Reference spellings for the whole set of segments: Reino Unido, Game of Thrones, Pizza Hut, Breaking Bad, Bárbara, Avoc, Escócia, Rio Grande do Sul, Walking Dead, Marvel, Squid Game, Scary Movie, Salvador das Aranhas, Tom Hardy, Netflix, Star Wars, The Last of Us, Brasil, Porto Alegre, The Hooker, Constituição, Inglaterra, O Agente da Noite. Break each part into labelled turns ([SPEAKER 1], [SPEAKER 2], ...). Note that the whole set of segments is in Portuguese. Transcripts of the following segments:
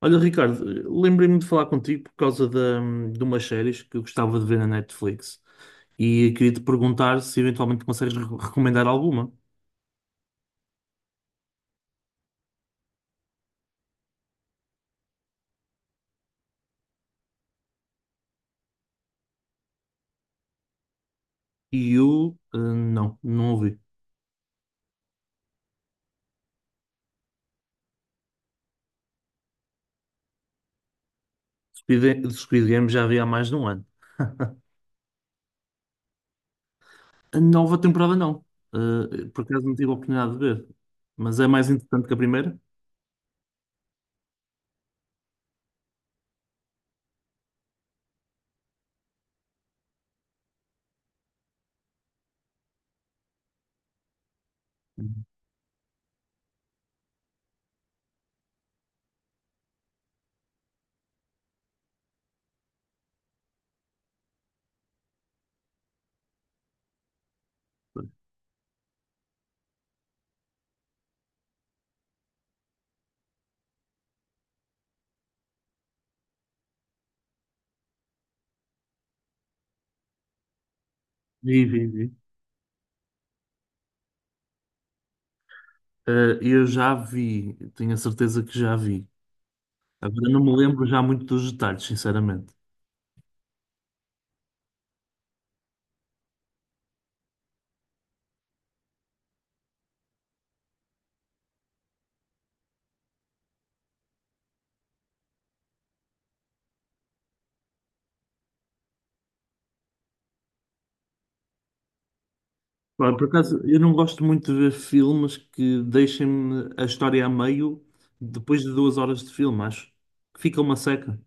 [SPEAKER 1] Olha, Ricardo, lembrei-me de falar contigo por causa de umas séries que eu gostava de ver na Netflix e queria te perguntar se eventualmente consegues recomendar alguma. E eu, não, não ouvi. Squid Game já vi há mais de um ano. A nova temporada não. Por acaso não tive a oportunidade de ver. Mas é mais interessante que a primeira? Vi, vi, vi. Eu já vi, tenho a certeza que já vi. Agora não me lembro já muito dos detalhes, sinceramente. Olha, por acaso, eu não gosto muito de ver filmes que deixem-me a história a meio depois de 2 horas de filme, acho. Fica uma seca.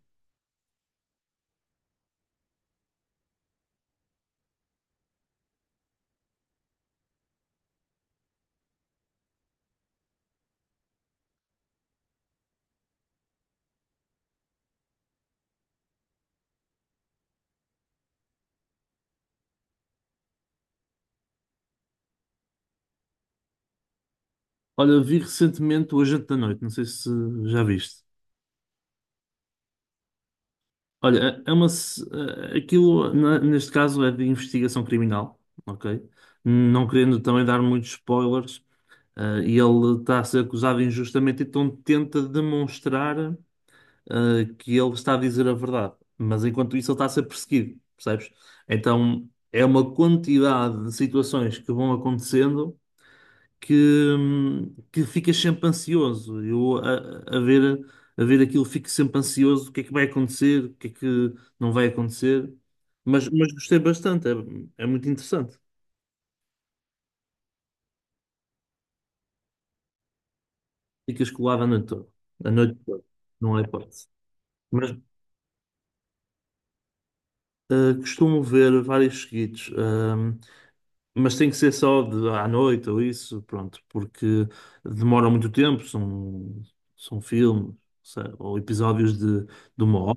[SPEAKER 1] Olha, vi recentemente O Agente da Noite, não sei se já viste. Olha, é uma. Aquilo, neste caso, é de investigação criminal, ok? Não querendo também dar muitos spoilers, e ele está a ser acusado injustamente, então tenta demonstrar. Que ele está a dizer a verdade, mas enquanto isso ele está a ser perseguido, percebes? Então é uma quantidade de situações que vão acontecendo que ficas sempre ansioso. Eu a ver aquilo fico sempre ansioso, o que é que vai acontecer, o que é que não vai acontecer, mas, gostei bastante, é muito interessante. Ficas colado a noite toda, não há hipótese. Mas costumo ver vários seguidos. Mas tem que ser só à noite ou isso, pronto, porque demora muito tempo, são, são filmes, ou episódios de 1 hora,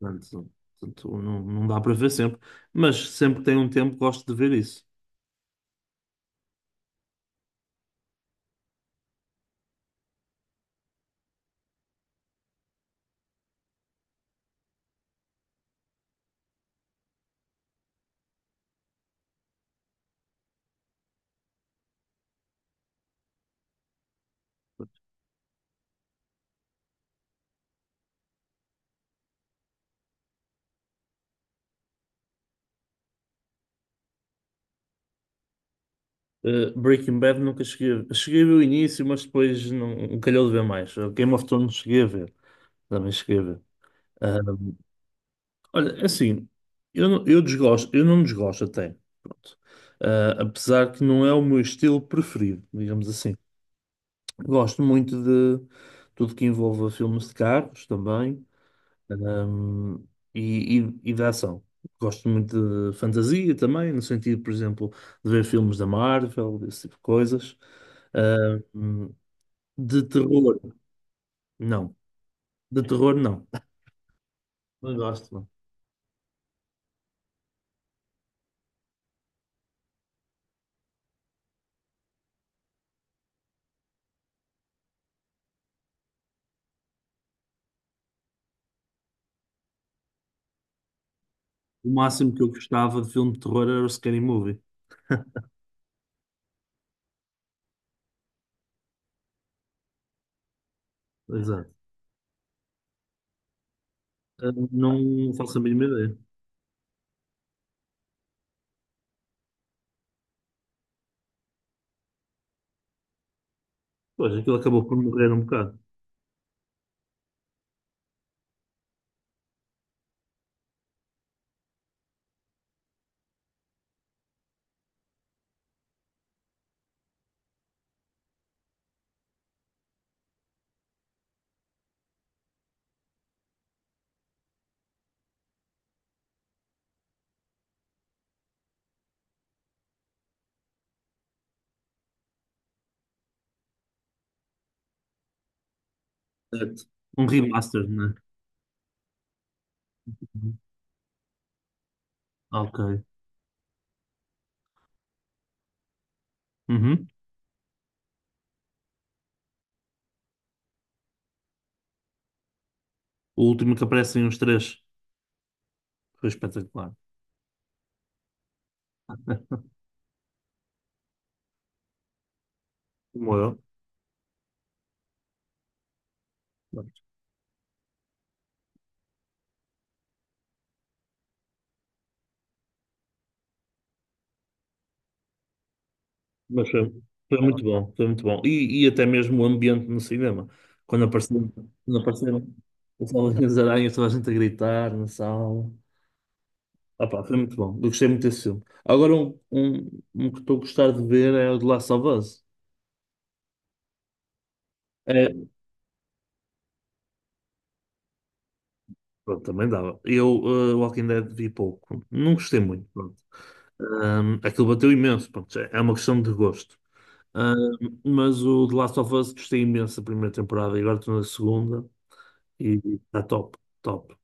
[SPEAKER 1] portanto, não, dá para ver sempre, mas sempre que tenho um tempo gosto de ver isso. Breaking Bad nunca cheguei a ver. Cheguei a ver o início, mas depois não, calhou de ver mais. Game of Thrones cheguei a ver, também cheguei a ver. Eh, Olha, é assim, eu desgosto, eu não desgosto até, pronto. Ah, apesar que não é o meu estilo preferido, digamos assim. Gosto muito de tudo que envolva filmes de carros também, ahm, e de ação. Gosto muito de fantasia também, no sentido, por exemplo, de ver filmes da Marvel, desse tipo de coisas. Ahm, de terror, não. De terror, não. Não gosto, não. O máximo que eu gostava de filme de terror era o Scary Movie. Exato. Ah, não faço a mínima ideia. Pois, aquilo acabou por morrer um bocado. Certo. Um remaster, né? Uhum. Ok. Uhum. O último que aparecem os três foi espetacular. Como eu. Mas foi, foi muito bom. E até mesmo o ambiente no cinema. Quando apareceram, quando apareceram o Salvador das Aranhas, toda a gente a gritar na sala. Ah, pá, foi muito bom. Eu gostei muito desse filme. Agora, um que estou a gostar de ver é o de Last of Us. Pronto, também dava. Eu, Walking Dead, vi pouco. Não gostei muito, pronto. Aquilo bateu imenso, pronto. É uma questão de gosto. Mas o The Last of Us gostei imenso da primeira temporada e agora estou na segunda e está top, top.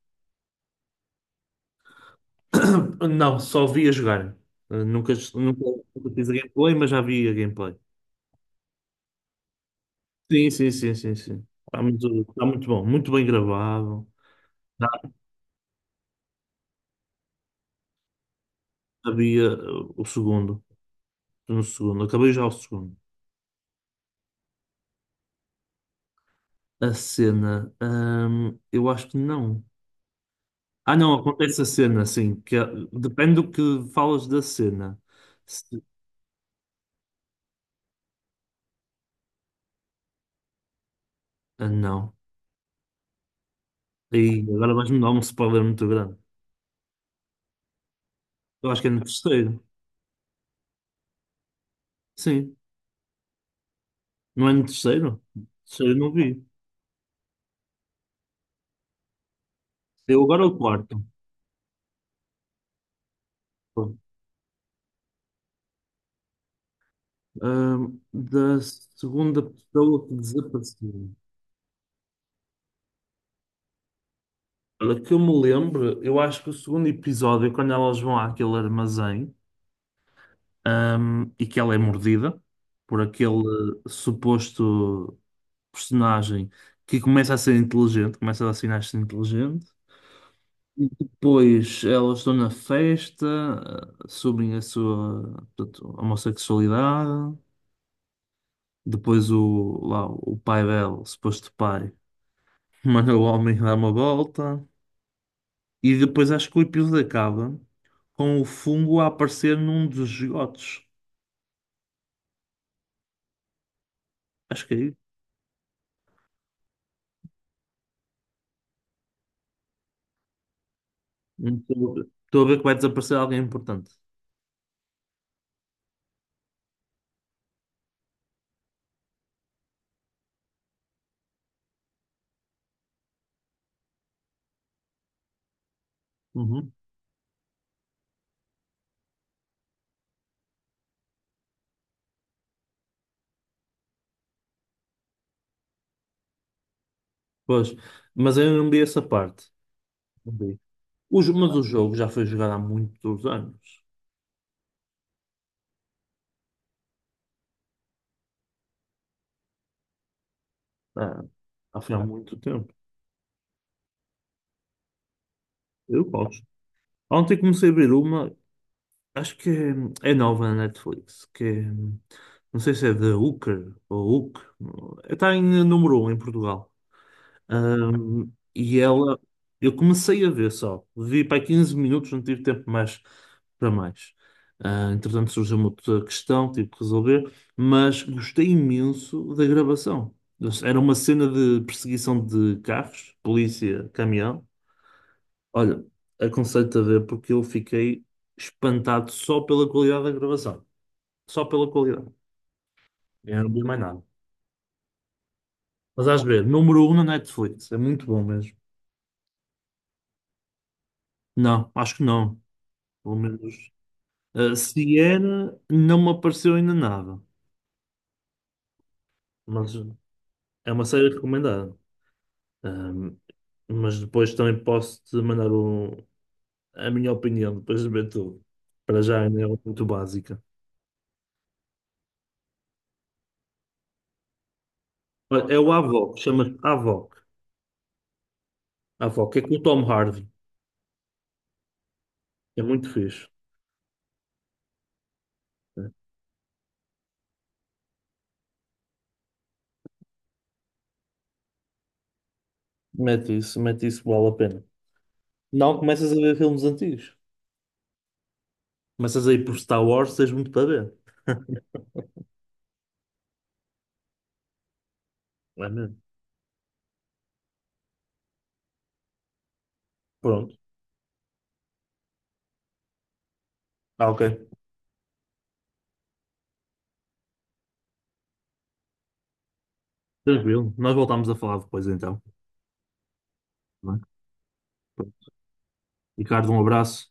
[SPEAKER 1] Não, só vi a jogar. Eh, nunca, nunca, Nunca fiz a gameplay, mas já vi a gameplay. Sim, sim, sim, sim, sim. Está muito bom, muito bem gravado. Já sabia o segundo. Estou no segundo. Acabei já o segundo. A cena, eu acho que não. Ah, não, acontece a cena, sim. Depende do que falas da cena. Se- ah, não. E agora vais-me dar um spoiler muito grande. Eu acho que é no terceiro. Sim. Não é no terceiro? Terceiro eu não vi. Eu agora é o quarto. Pronto. Da segunda pessoa que desapareceu. Olha, que eu me lembro, eu acho que o segundo episódio, quando elas vão àquele armazém. E que ela é mordida por aquele suposto personagem que começa a ser inteligente, começa a dar sinais de ser inteligente. E depois elas estão na festa, assumem a sua, portanto, homossexualidade. Depois o, lá, o pai dela, o suposto pai, manda o homem dar uma volta. E depois acho que o episódio acaba com o fungo a aparecer num dos esgotos. Acho que é. Hum, Estou estou a ver que vai desaparecer alguém importante. Uhum. Pois, mas eu não vi essa parte. Não vi. Mas o jogo já foi jogado há muitos anos. Ah, já foi há muito tempo. Eu gosto. Ontem comecei a ver uma, acho que é nova na Netflix, que é, não sei se é The Hooker ou Hook. Está em número um em Portugal. Ahm, e ela, eu comecei a ver só, vi para aí 15 minutos, não tive tempo mais para mais. Ah, entretanto, surgiu uma outra questão, tive que resolver, mas gostei imenso da gravação. Era uma cena de perseguição de carros, polícia, caminhão. Olha, aconselho-te a ver porque eu fiquei espantado só pela qualidade da gravação. Só pela qualidade. Eu não vi mais nada. Mas às ver, número um na Netflix. É muito bom mesmo. Não, acho que não. Pelo menos. Se era, não me apareceu ainda nada, mas é uma série recomendada. Um, mas depois também posso te mandar a minha opinião, depois de ver tudo. Para já ainda é muito básica. Olha, é o Avoc, chama-se Avoc. Avoc, é com o Tom Hardy, é muito fixe. Mete isso, vale a pena. Não começas a ver filmes antigos, começas a ir por Star Wars, tens muito para ver. É mesmo. Pronto, ah, ok, tranquilo. Nós voltamos a falar depois então. Tá bem? Ricardo, um abraço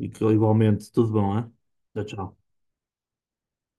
[SPEAKER 1] e que igualmente tudo bom, hein? Tchau, tchau.